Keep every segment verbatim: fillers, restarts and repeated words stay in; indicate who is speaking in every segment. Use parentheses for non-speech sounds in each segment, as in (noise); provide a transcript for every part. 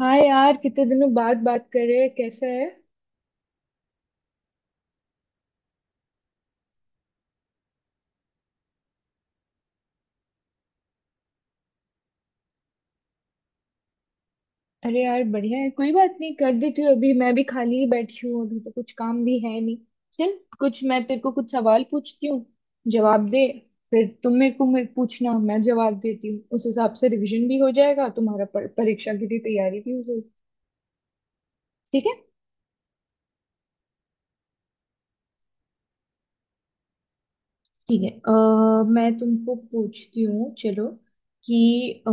Speaker 1: हाँ यार, कितने दिनों बाद बात कर रहे हैं, कैसा है? अरे यार, बढ़िया है। कोई बात नहीं, कर देती हूँ। अभी मैं भी खाली ही बैठी हूँ, अभी तो कुछ काम भी है नहीं। चल, कुछ मैं तेरे को कुछ सवाल पूछती हूँ। जवाब दे। फिर तुम मेरे को मेरे पूछना, मैं जवाब देती हूँ। उस हिसाब से रिवीजन भी हो जाएगा तुम्हारा, पर परीक्षा के लिए तैयारी भी हो जाएगी। ठीक है, ठीक है। अ, मैं तुमको पूछती हूँ, चलो कि अ,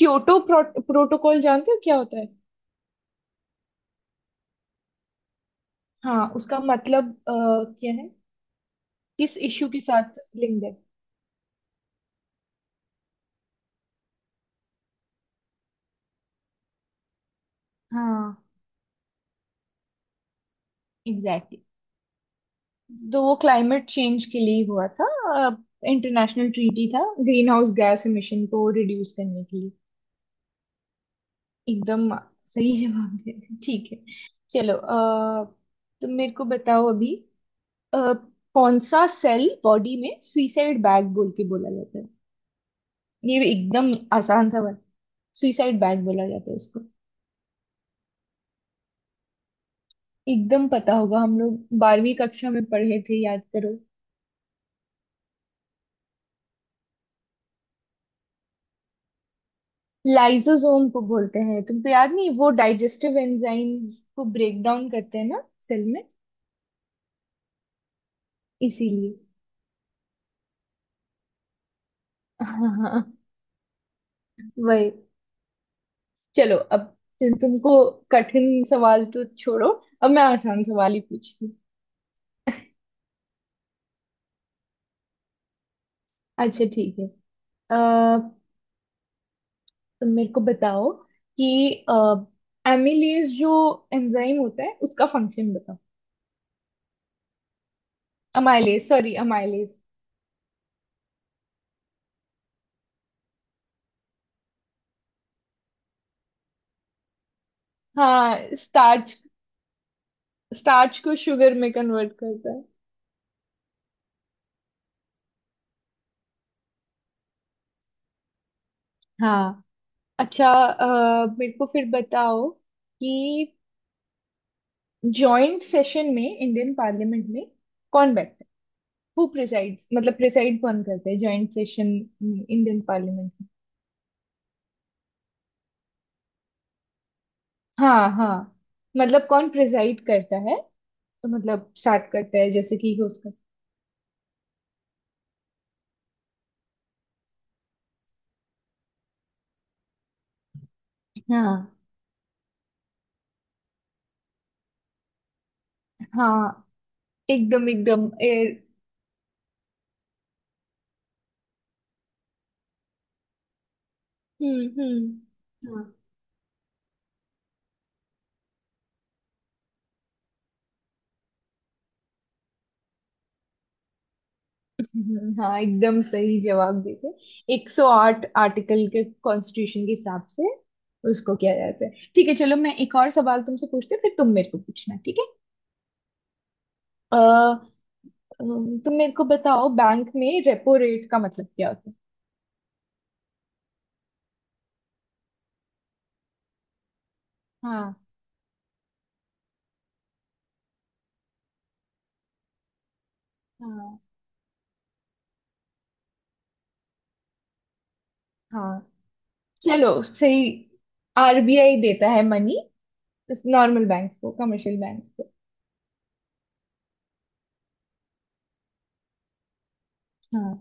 Speaker 1: क्योटो प्रोटोकॉल जानते हो, क्या होता है? हाँ, उसका मतलब अ, क्या है? किस इश्यू के साथ लिंक्ड है? हाँ, एग्जैक्टली, exactly. तो वो क्लाइमेट चेंज के लिए ही हुआ था। इंटरनेशनल ट्रीटी था, ग्रीन हाउस गैस इमिशन को रिड्यूस करने के लिए। एकदम, सही जवाब दे दिया। ठीक है, चलो। अ, तो मेरे को बताओ अभी, अ, कौन सा सेल बॉडी में सुइसाइड बैग बोल के बोला जाता है? ये भी एकदम आसान सा बात, सुइसाइड बैग बोला जाता है इसको। एकदम पता होगा, हम लोग बारहवीं कक्षा में पढ़े थे, याद करो। लाइसोसोम को बोलते हैं, तुमको याद नहीं, वो डाइजेस्टिव एंजाइम्स को ब्रेक डाउन करते हैं ना सेल में, इसीलिए। (laughs) हाँ, हाँ, वही। चलो अब, तुम- तुमको कठिन सवाल तो छोड़ो, अब मैं आसान सवाल ही पूछती हूँ। अच्छा, ठीक है। अः तुम मेरे को बताओ कि एमिलेज जो एंजाइम होता है उसका फंक्शन बताओ। Amylase, sorry, amylase. हाँ, स्टार्च। स्टार्च को शुगर में कन्वर्ट करता है। हाँ, अच्छा। अ, मेरे को फिर बताओ कि जॉइंट सेशन में, इंडियन पार्लियामेंट में, कौन बैठता है? हु प्रिसाइड्स, मतलब प्रिसाइड कौन करता है जॉइंट सेशन इंडियन पार्लियामेंट में? हाँ, हाँ, मतलब कौन प्रिसाइड करता है, तो मतलब स्टार्ट करता है, जैसे कि होस्ट करता है। हाँ, हाँ, एकदम, एकदम, ए, हम्म, हम्म, हम्म, हाँ, एकदम सही जवाब देते। एक सौ आठ आर्टिकल के, कॉन्स्टिट्यूशन के हिसाब से, उसको किया जाता है। ठीक है, चलो मैं एक और सवाल तुमसे पूछती हूँ, फिर तुम मेरे को पूछना, ठीक है? अ, अम, तुम मेरे को बताओ, बैंक में रेपो रेट का मतलब क्या होता है? हाँ, हाँ, हाँ, चलो, सही। आरबीआई देता है मनी नॉर्मल बैंक्स को, कमर्शियल बैंक्स को। हाँ,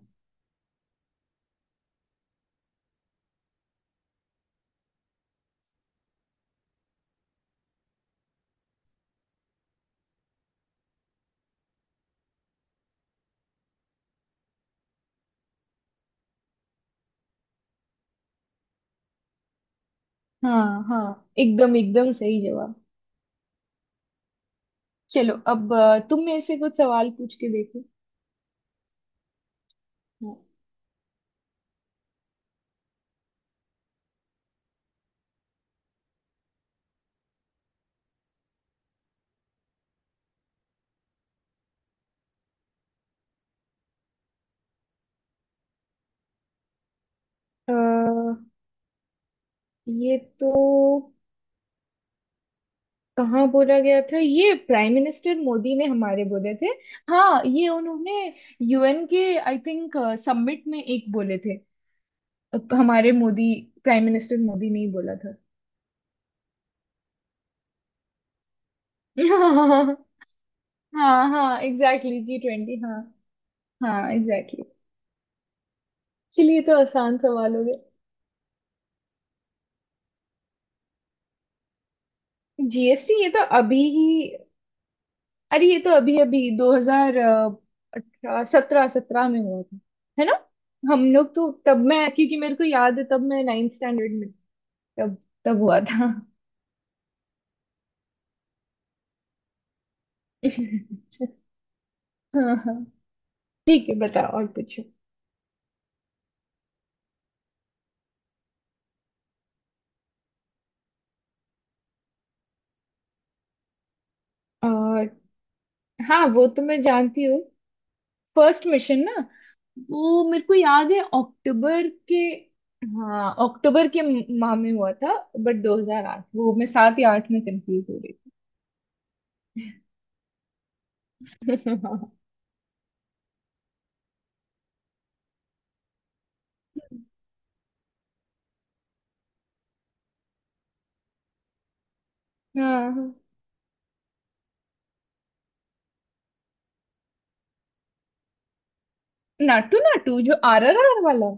Speaker 1: हाँ, हाँ, एकदम एकदम सही जवाब। चलो अब, अ, तुम मेरे से कुछ सवाल पूछ के देखो। हाँ। अ, ये तो कहाँ बोला गया था, ये प्राइम मिनिस्टर मोदी ने हमारे बोले थे। हाँ, ये उन्होंने यूएन के, आई थिंक, समिट में एक बोले थे। अ, हमारे मोदी, प्राइम मिनिस्टर मोदी ने ही बोला था। (laughs) हाँ, हाँ, एग्जैक्टली, जी ट्वेंटी, हाँ। हाँ, एग्जैक्टली। चलिए, ये तो आसान सवाल हो गया। जीएसटी ये तो अभी ही, अरे ये तो अभी अभी दो हजार अठारह, सत्रह, सत्रह में हुआ था, है ना? हम लोग तो तब, मैं क्योंकि मेरे को याद है, तब मैं नाइन्थ स्टैंडर्ड में थी, तब, तब हुआ था। (laughs) हाँ, हाँ, ठीक है। बताओ और पूछो। और हाँ, वो तो मैं जानती हूँ, फर्स्ट मिशन ना। वो मेरे को याद है, अक्टूबर के, हाँ, अक्टूबर के माह में हुआ था। बट दो हज़ार आठ, वो मैं सात या आठ में कंफ्यूज हो रही थी। (laughs) हाँ, हाँ, नाटू नाटू, जो आर आर आर वाला।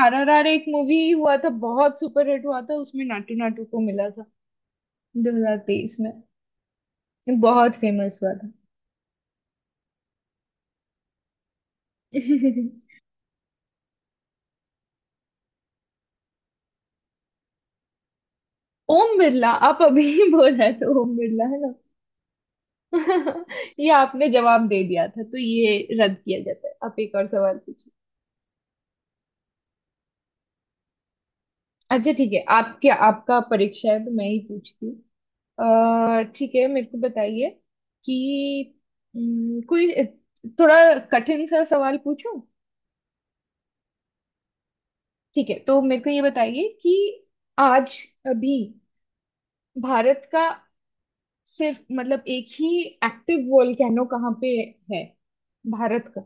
Speaker 1: आर आर आर एक मूवी हुआ था, बहुत सुपर हिट हुआ था। उसमें नाटू नाटू को मिला था दो हज़ार तेईस में। ये बहुत फेमस हुआ था। (laughs) ओम बिरला, आप अभी ही बोल रहे थे, ओम बिरला है ना? (laughs) ये आपने जवाब दे दिया था, तो ये रद्द किया जाता है, आप एक और सवाल पूछिए। अच्छा, ठीक है, आपके आपका परीक्षा है तो मैं ही पूछती हूँ। अह, ठीक है, मेरे को बताइए कि हम्म, कोई थोड़ा कठिन सा सवाल पूछूं? ठीक है, तो मेरे को ये बताइए कि आज, अभी, भारत का, सिर्फ मतलब एक ही एक्टिव वोल्केनो कहाँ पे है, भारत का?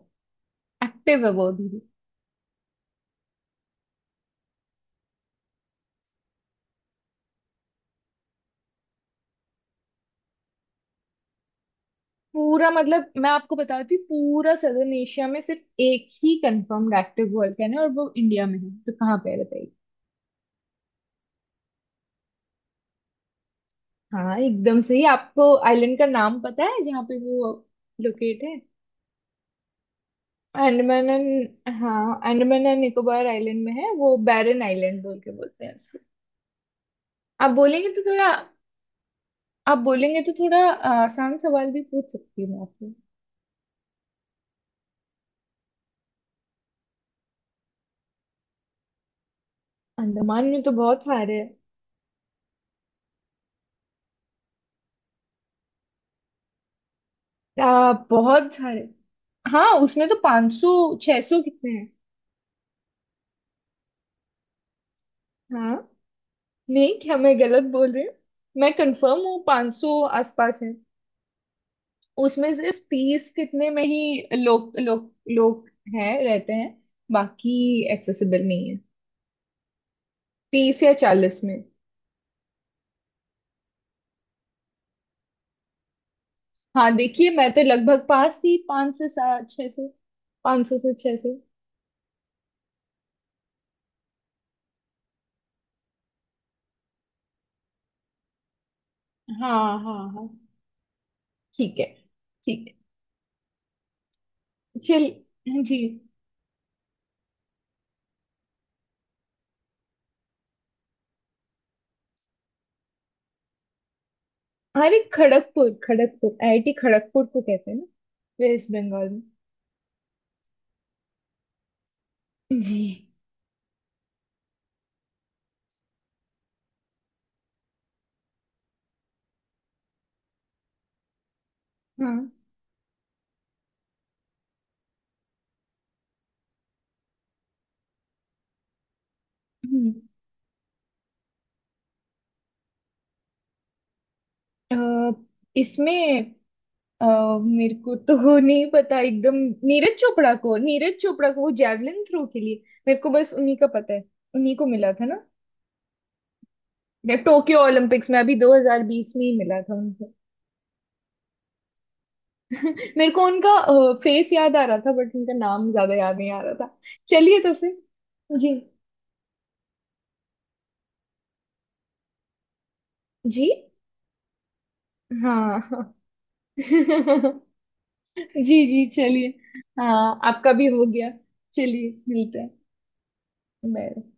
Speaker 1: एक्टिव है वो अभी भी। पूरा, मतलब मैं आपको बताती हूँ, पूरा सदर्न एशिया में सिर्फ एक ही कंफर्म्ड एक्टिव वोल्केनो है और वो इंडिया में है, तो कहाँ पे है बताइए। हाँ, एकदम सही। आपको आइलैंड का नाम पता है जहाँ पे वो लोकेट है? अंडमान एंड- हाँ, अंडमान एंड निकोबार आइलैंड में है, वो बैरन आइलैंड बोल के बोलते हैं। आप बोलेंगे तो थोड़ा, आप बोलेंगे तो थोड़ा अ, आसान सवाल भी पूछ सकती हूँ मैं आपको। अंडमान में तो बहुत सारे हैं। आ, बहुत सारे। हाँ, उसमें तो पाँच सौ, छह सौ, कितने हैं? हाँ, नहीं, क्या मैं गलत बोल रही हूँ? मैं कंफर्म हूँ, पाँच सौ आसपास है। उसमें सिर्फ तीस कितने में ही लोग लोग लोग हैं, रहते हैं, बाकी एक्सेसिबल नहीं है। तीस या चालीस में। हाँ, देखिए, मैं तो लगभग पास थी, पाँच से सात, छह सौ, पाँच सौ से छह। हाँ, हाँ, हाँ, ठीक है, ठीक है। चल, चल जी। अरे, खड़गपुर, खड़गपुर आईआईटी, खड़गपुर को कहते हैं ना, वेस्ट बंगाल में। जी, हाँ। हम्म, अ, इसमें अ, मेरे को तो नहीं पता, एकदम। नीरज चोपड़ा को नीरज चोपड़ा को वो जैवलिन थ्रो के लिए। मेरे को बस उन्हीं का पता है, उन्हीं को मिला था ना? या टोक्यो ओलंपिक्स में अभी दो हज़ार बीस में ही मिला था। (laughs) मेरे को उनका फेस याद आ रहा था, बट उनका नाम ज्यादा याद नहीं आ रहा था। चलिए तो फिर, जी। जी, हाँ, हाँ। (laughs) जी। जी, चलिए, हाँ, आपका भी हो गया, चलिए मिलते हैं। बाय।